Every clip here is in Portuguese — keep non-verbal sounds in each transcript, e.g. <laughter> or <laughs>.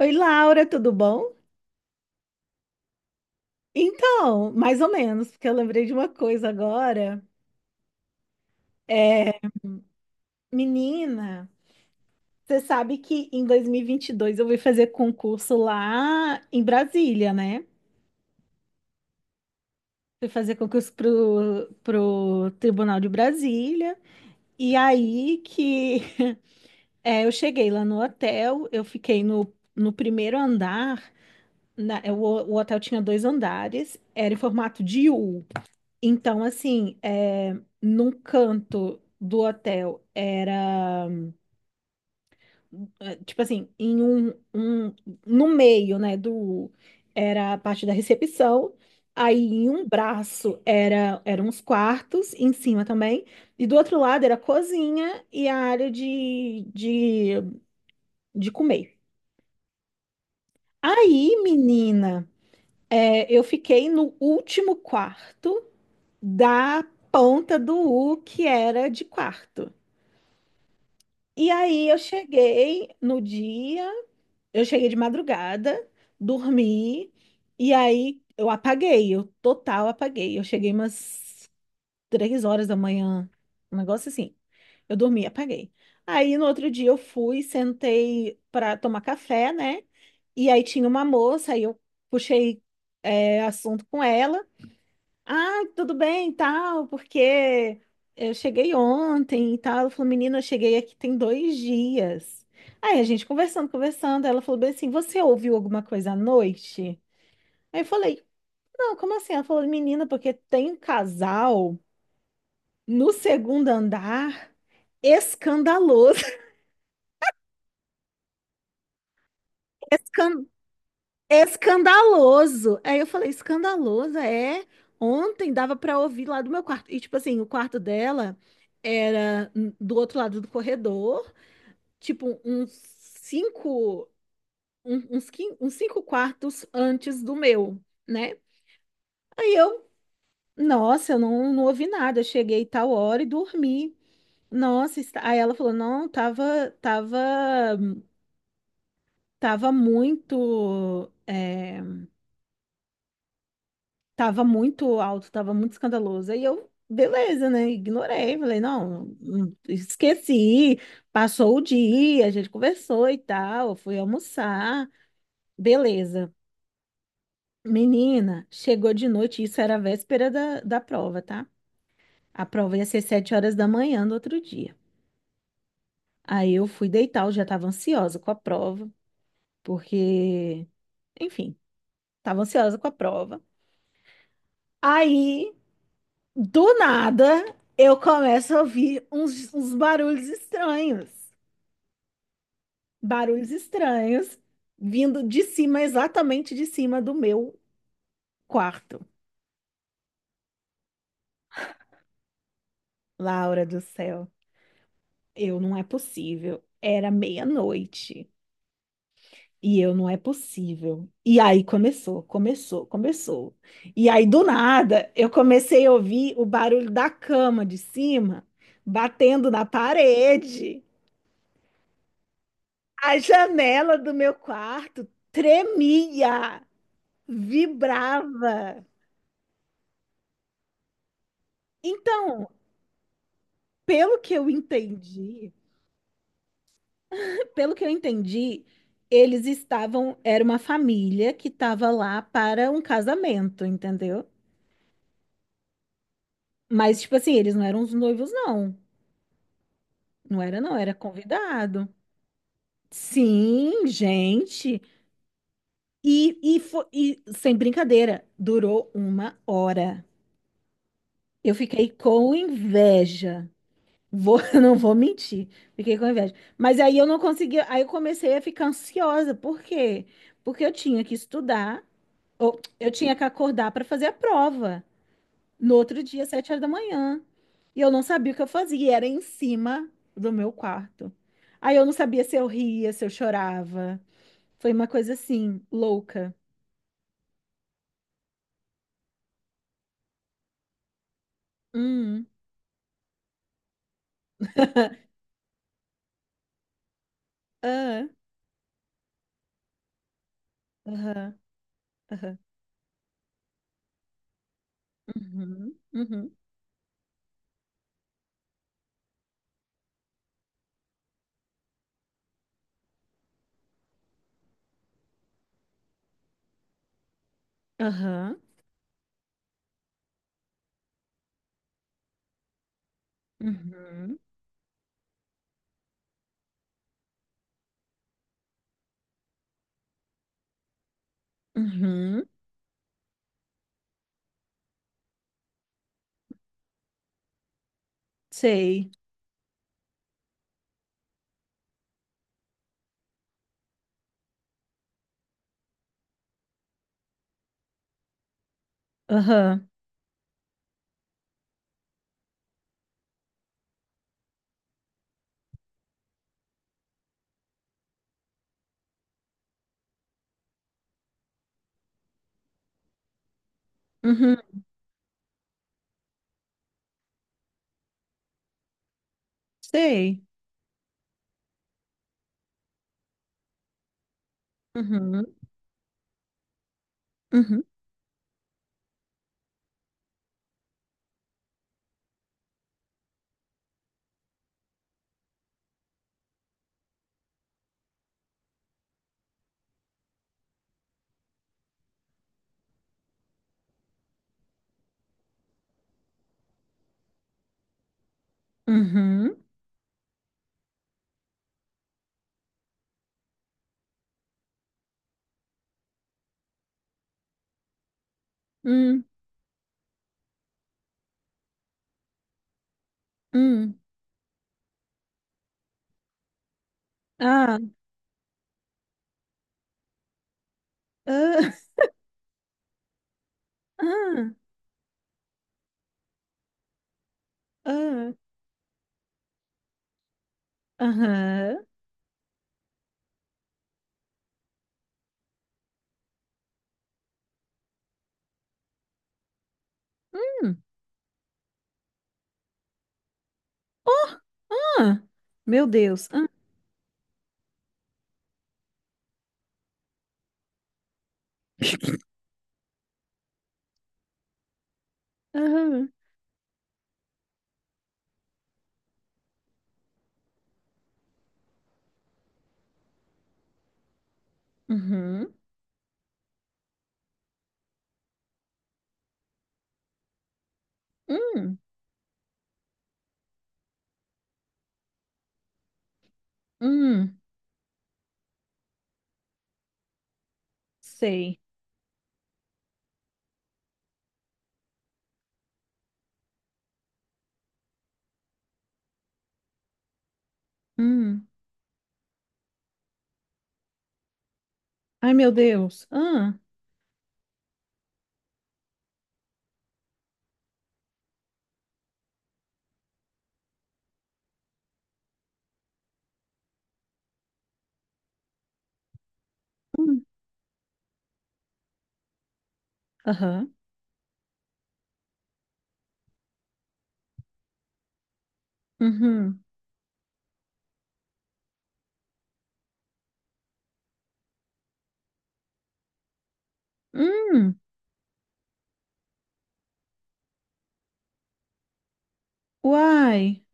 Oi, Laura, tudo bom? Então, mais ou menos, porque eu lembrei de uma coisa agora. É, Menina, você sabe que em 2022 eu fui fazer concurso lá em Brasília, né? Fui fazer concurso pro Tribunal de Brasília. E aí que <laughs> eu cheguei lá no hotel, eu fiquei no primeiro andar. O hotel tinha dois andares, era em formato de U. Então, assim, num canto do hotel era, tipo assim, um- no meio, né, era a parte da recepção, aí em um braço era, eram os quartos, em cima também, e do outro lado era a cozinha e a área de comer. Aí, menina, eu fiquei no último quarto da ponta do U, que era de quarto. E aí eu cheguei no dia, eu cheguei de madrugada, dormi, e aí eu apaguei, eu total apaguei. Eu cheguei umas 3 horas da manhã, um negócio assim. Eu dormi, e apaguei. Aí no outro dia eu fui, sentei para tomar café, né? E aí tinha uma moça, aí eu puxei assunto com ela. Ah, tudo bem, e tal, porque eu cheguei ontem e tal. Ela falou, menina, eu cheguei aqui tem dois dias. Aí a gente conversando, conversando, ela falou bem assim, você ouviu alguma coisa à noite? Aí eu falei, não, como assim? Ela falou, menina, porque tem um casal no segundo andar escandaloso, <laughs> escandaloso. Aí eu falei, escandaloso, é. Ontem dava pra ouvir lá do meu quarto. E tipo assim, o quarto dela era do outro lado do corredor, tipo uns cinco, uns cinco quartos antes do meu, né? Aí eu, nossa, eu não, não ouvi nada. Eu cheguei tal hora e dormi. Nossa, aí ela falou, não, tava tava muito alto, tava muito escandaloso. Aí eu, beleza, né? Ignorei, falei, esqueci. Passou o dia, a gente conversou e tal, eu fui almoçar, beleza. Menina, chegou de noite, isso era a véspera da prova, tá? A prova ia ser 7 horas da manhã do outro dia. Aí eu fui deitar, eu já tava ansiosa com a prova, porque, enfim, tava ansiosa com a prova. Aí. Do nada, eu começo a ouvir uns barulhos estranhos. Barulhos estranhos vindo de cima, exatamente de cima do meu quarto. Laura do céu, eu não é possível. Era meia-noite e eu não é possível. E aí começou. E aí do nada, eu comecei a ouvir o barulho da cama de cima batendo na parede. A janela do meu quarto tremia, vibrava. Então, pelo que eu entendi, <laughs> pelo que eu entendi, eles estavam, era uma família que estava lá para um casamento, entendeu? Mas, tipo assim, eles não eram os noivos, não. Não era, não, era convidado. Sim, gente. E sem brincadeira, durou uma hora. Eu fiquei com inveja. Vou, <laughs> eu não vou mentir, fiquei com inveja. Mas aí eu não conseguia, aí eu comecei a ficar ansiosa. Por quê? Porque eu tinha que estudar, ou eu tinha que acordar para fazer a prova no outro dia, 7 horas da manhã. E eu não sabia o que eu fazia, e era em cima do meu quarto. Aí eu não sabia se eu ria, se eu chorava. Foi uma coisa assim, louca. Hum, ah, aham, aham, uhum, uhum, aham, uhum, uhum, sei. Aham. Uhum, sei. Uhum, uhum, uhum, hum, hum. Ah, ah, <laughs> ah, ah, aham. Hum, oh, ah, meu Deus. Ah, aham, uhum, hum, hum, sei. Hum. Ai, meu Deus. Ah, hum, aham, uhum, hum, uai.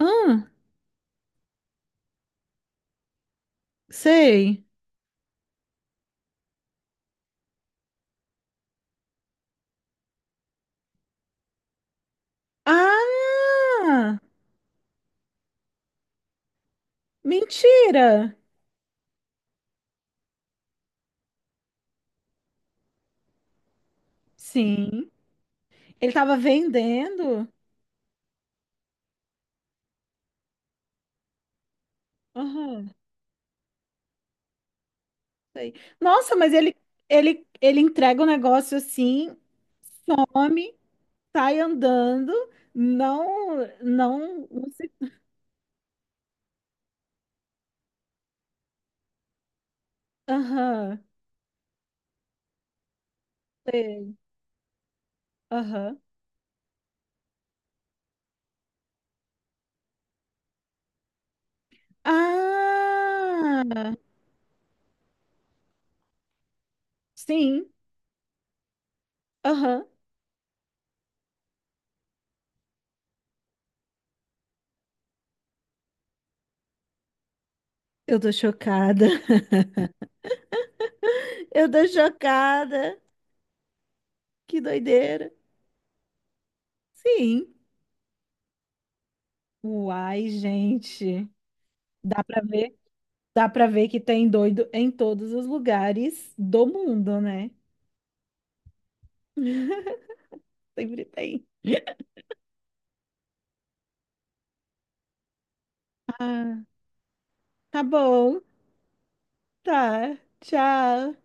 Ah, sei. Ah, mentira. Sim. Ele tava vendendo. Aham, sei. Nossa, mas ele entrega o negócio assim, some, sai andando, não, não se... Aham, sei. Aham. Ah, sim, aham. Eu tô chocada. <laughs> Eu tô chocada. Que doideira. Sim. Uai, gente. Dá pra ver, dá pra ver que tem doido em todos os lugares do mundo, né? <laughs> Sempre tem. Ah, tá bom, tá. Tchau.